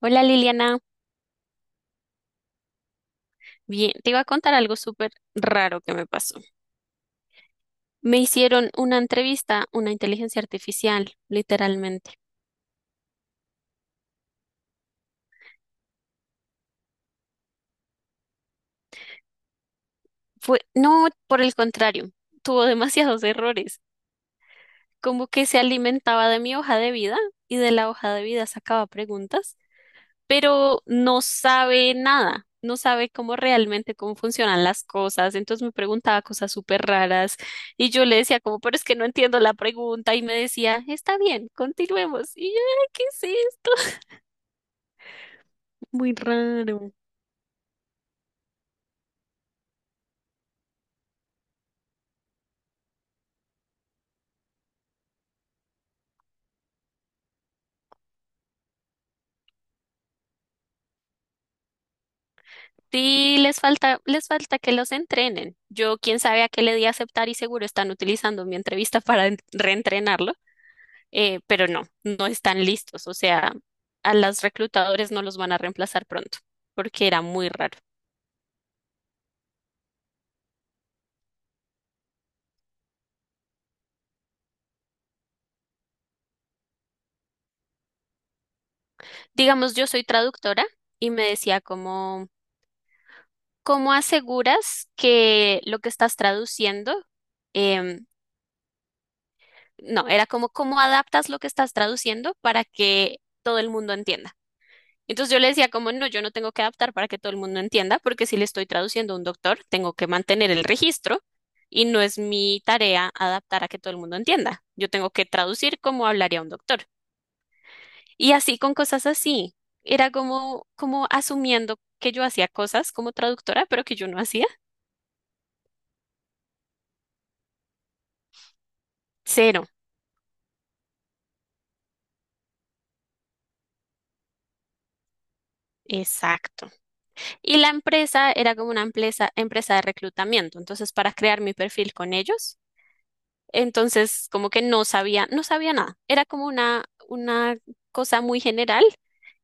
Hola Liliana, bien, te iba a contar algo súper raro que me pasó. Me hicieron una entrevista, una inteligencia artificial, literalmente. Fue, no, por el contrario, tuvo demasiados errores, como que se alimentaba de mi hoja de vida y de la hoja de vida sacaba preguntas, pero no sabe nada, no sabe cómo realmente cómo funcionan las cosas. Entonces me preguntaba cosas súper raras y yo le decía como, pero es que no entiendo la pregunta y me decía, está bien, continuemos. Y yo, "Ay, ¿qué es esto?" Muy raro. Sí, les falta que los entrenen. Yo, quién sabe a qué le di a aceptar y seguro están utilizando mi entrevista para reentrenarlo, pero no, no están listos. O sea, a los reclutadores no los van a reemplazar pronto, porque era muy raro. Digamos, yo soy traductora y me decía como, ¿cómo aseguras que lo que estás traduciendo, em, no, era como, ¿cómo adaptas lo que estás traduciendo para que todo el mundo entienda? Entonces yo le decía como, no, yo no tengo que adaptar para que todo el mundo entienda, porque si le estoy traduciendo a un doctor, tengo que mantener el registro y no es mi tarea adaptar a que todo el mundo entienda. Yo tengo que traducir como hablaría un doctor. Y así con cosas así. Era como, como asumiendo que yo hacía cosas como traductora, pero que yo no hacía. Cero. Exacto. Y la empresa era como una empresa de reclutamiento. Entonces, para crear mi perfil con ellos, entonces como que no sabía nada. Era como una cosa muy general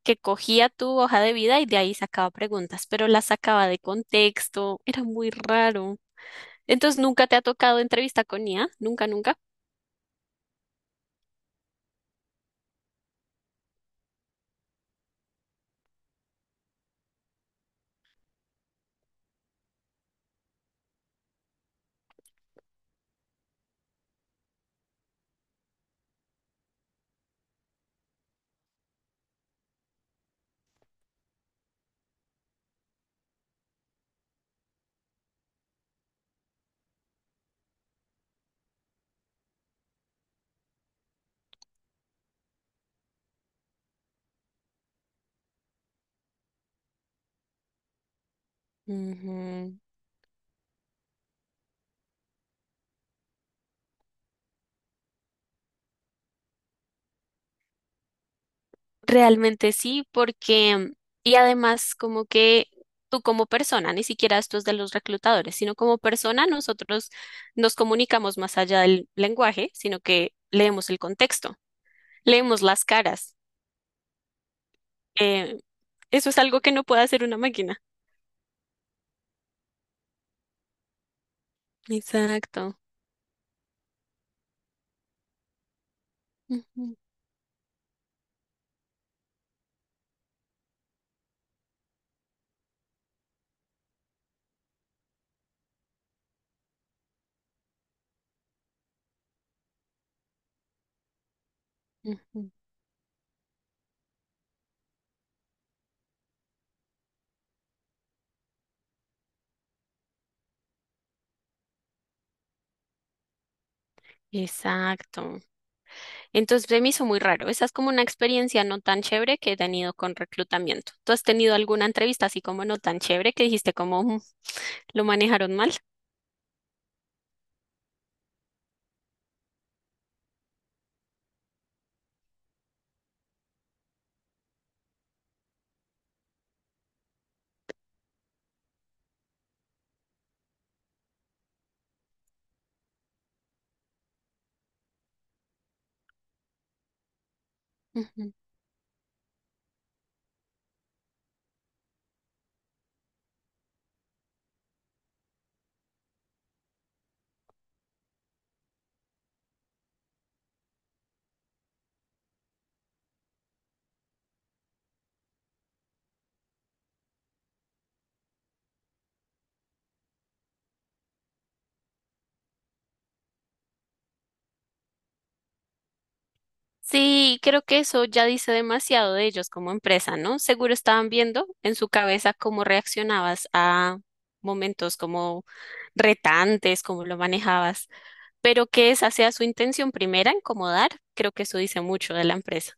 que cogía tu hoja de vida y de ahí sacaba preguntas, pero las sacaba de contexto. Era muy raro. Entonces, ¿nunca te ha tocado entrevista con IA? Nunca, nunca. Ujú. Realmente sí, porque, y además como que tú como persona, ni siquiera esto es de los reclutadores, sino como persona, nosotros nos comunicamos más allá del lenguaje, sino que leemos el contexto, leemos las caras. Eh, eso es algo que no puede hacer una máquina. Exacto. Ujú, ujú. Exacto. Entonces se me hizo muy raro. Esa es como una experiencia no tan chévere que he tenido con reclutamiento. ¿Tú has tenido alguna entrevista así como no tan chévere que dijiste como "Mm, lo manejaron mal"? Ujú. Sí, creo que eso ya dice demasiado de ellos como empresa, ¿no? Seguro estaban viendo en su cabeza cómo reaccionabas a momentos como retantes, cómo lo manejabas, pero que esa sea su intención primera, incomodar, creo que eso dice mucho de la empresa.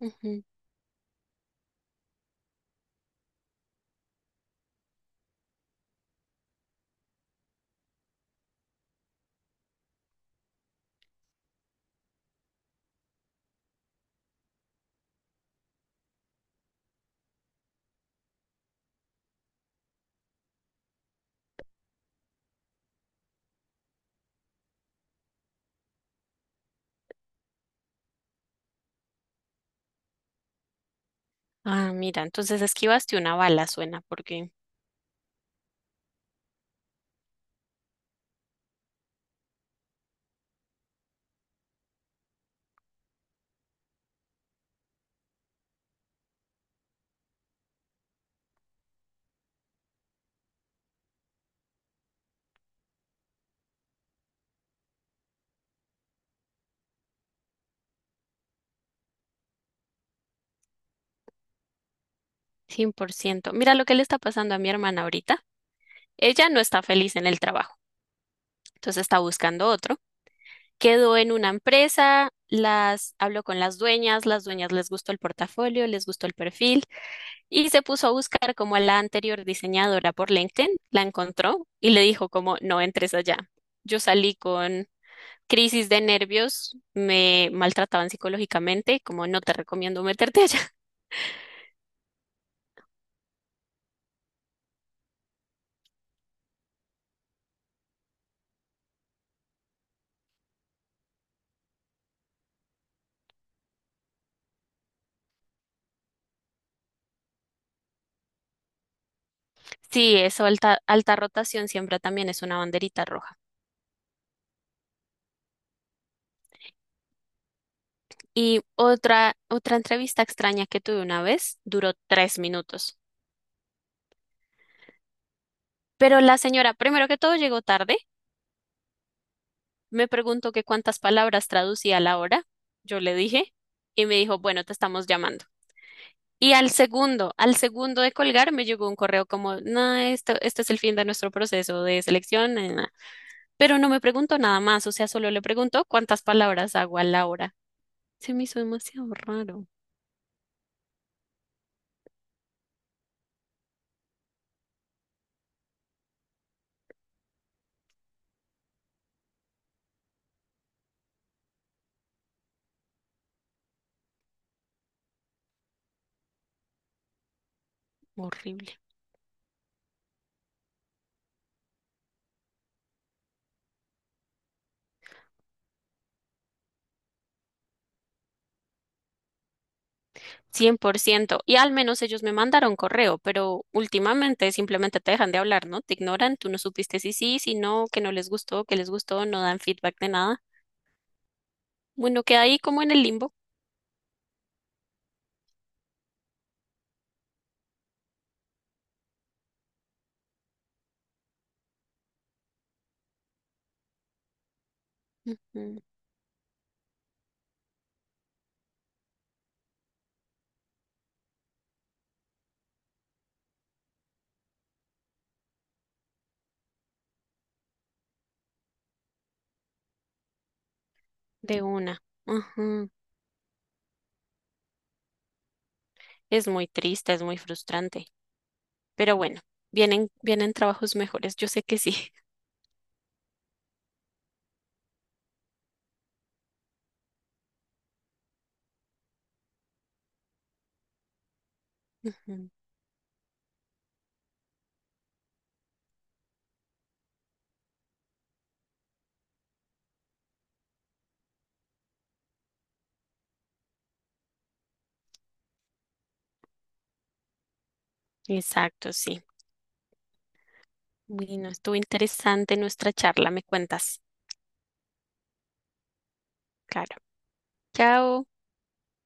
Ujú. Ah, mira, entonces esquivaste una bala, suena, porque cien por ciento. Mira lo que le está pasando a mi hermana ahorita. Ella no está feliz en el trabajo, entonces está buscando otro. Quedó en una empresa, las habló con las dueñas les gustó el portafolio, les gustó el perfil y se puso a buscar como a la anterior diseñadora por LinkedIn, la encontró y le dijo como no entres allá. Yo salí con crisis de nervios, me maltrataban psicológicamente, como no te recomiendo meterte allá. Sí, eso, alta rotación siempre también es una banderita roja. Y otra entrevista extraña que tuve una vez duró tres minutos. Pero la señora, primero que todo, llegó tarde, me preguntó que cuántas palabras traducía a la hora, yo le dije, y me dijo, bueno, te estamos llamando. Y al segundo de colgar, me llegó un correo como, no, esto, "este es el fin de nuestro proceso de selección, na, na, na". Pero no me preguntó nada más, o sea, solo le preguntó cuántas palabras hago a la hora. Se me hizo demasiado raro, horrible. Cien por ciento. Y al menos ellos me mandaron correo, pero últimamente simplemente te dejan de hablar, ¿no? Te ignoran, tú no supiste si sí, si no, que no les gustó, que les gustó, no dan feedback de nada. Bueno, queda ahí como en el limbo. Ujú. De una. Ujú. Es muy triste, es muy frustrante. Pero bueno, vienen trabajos mejores, yo sé que sí. Ujú. Exacto, sí. Bueno, estuvo interesante nuestra charla, me cuentas. Claro. Chao.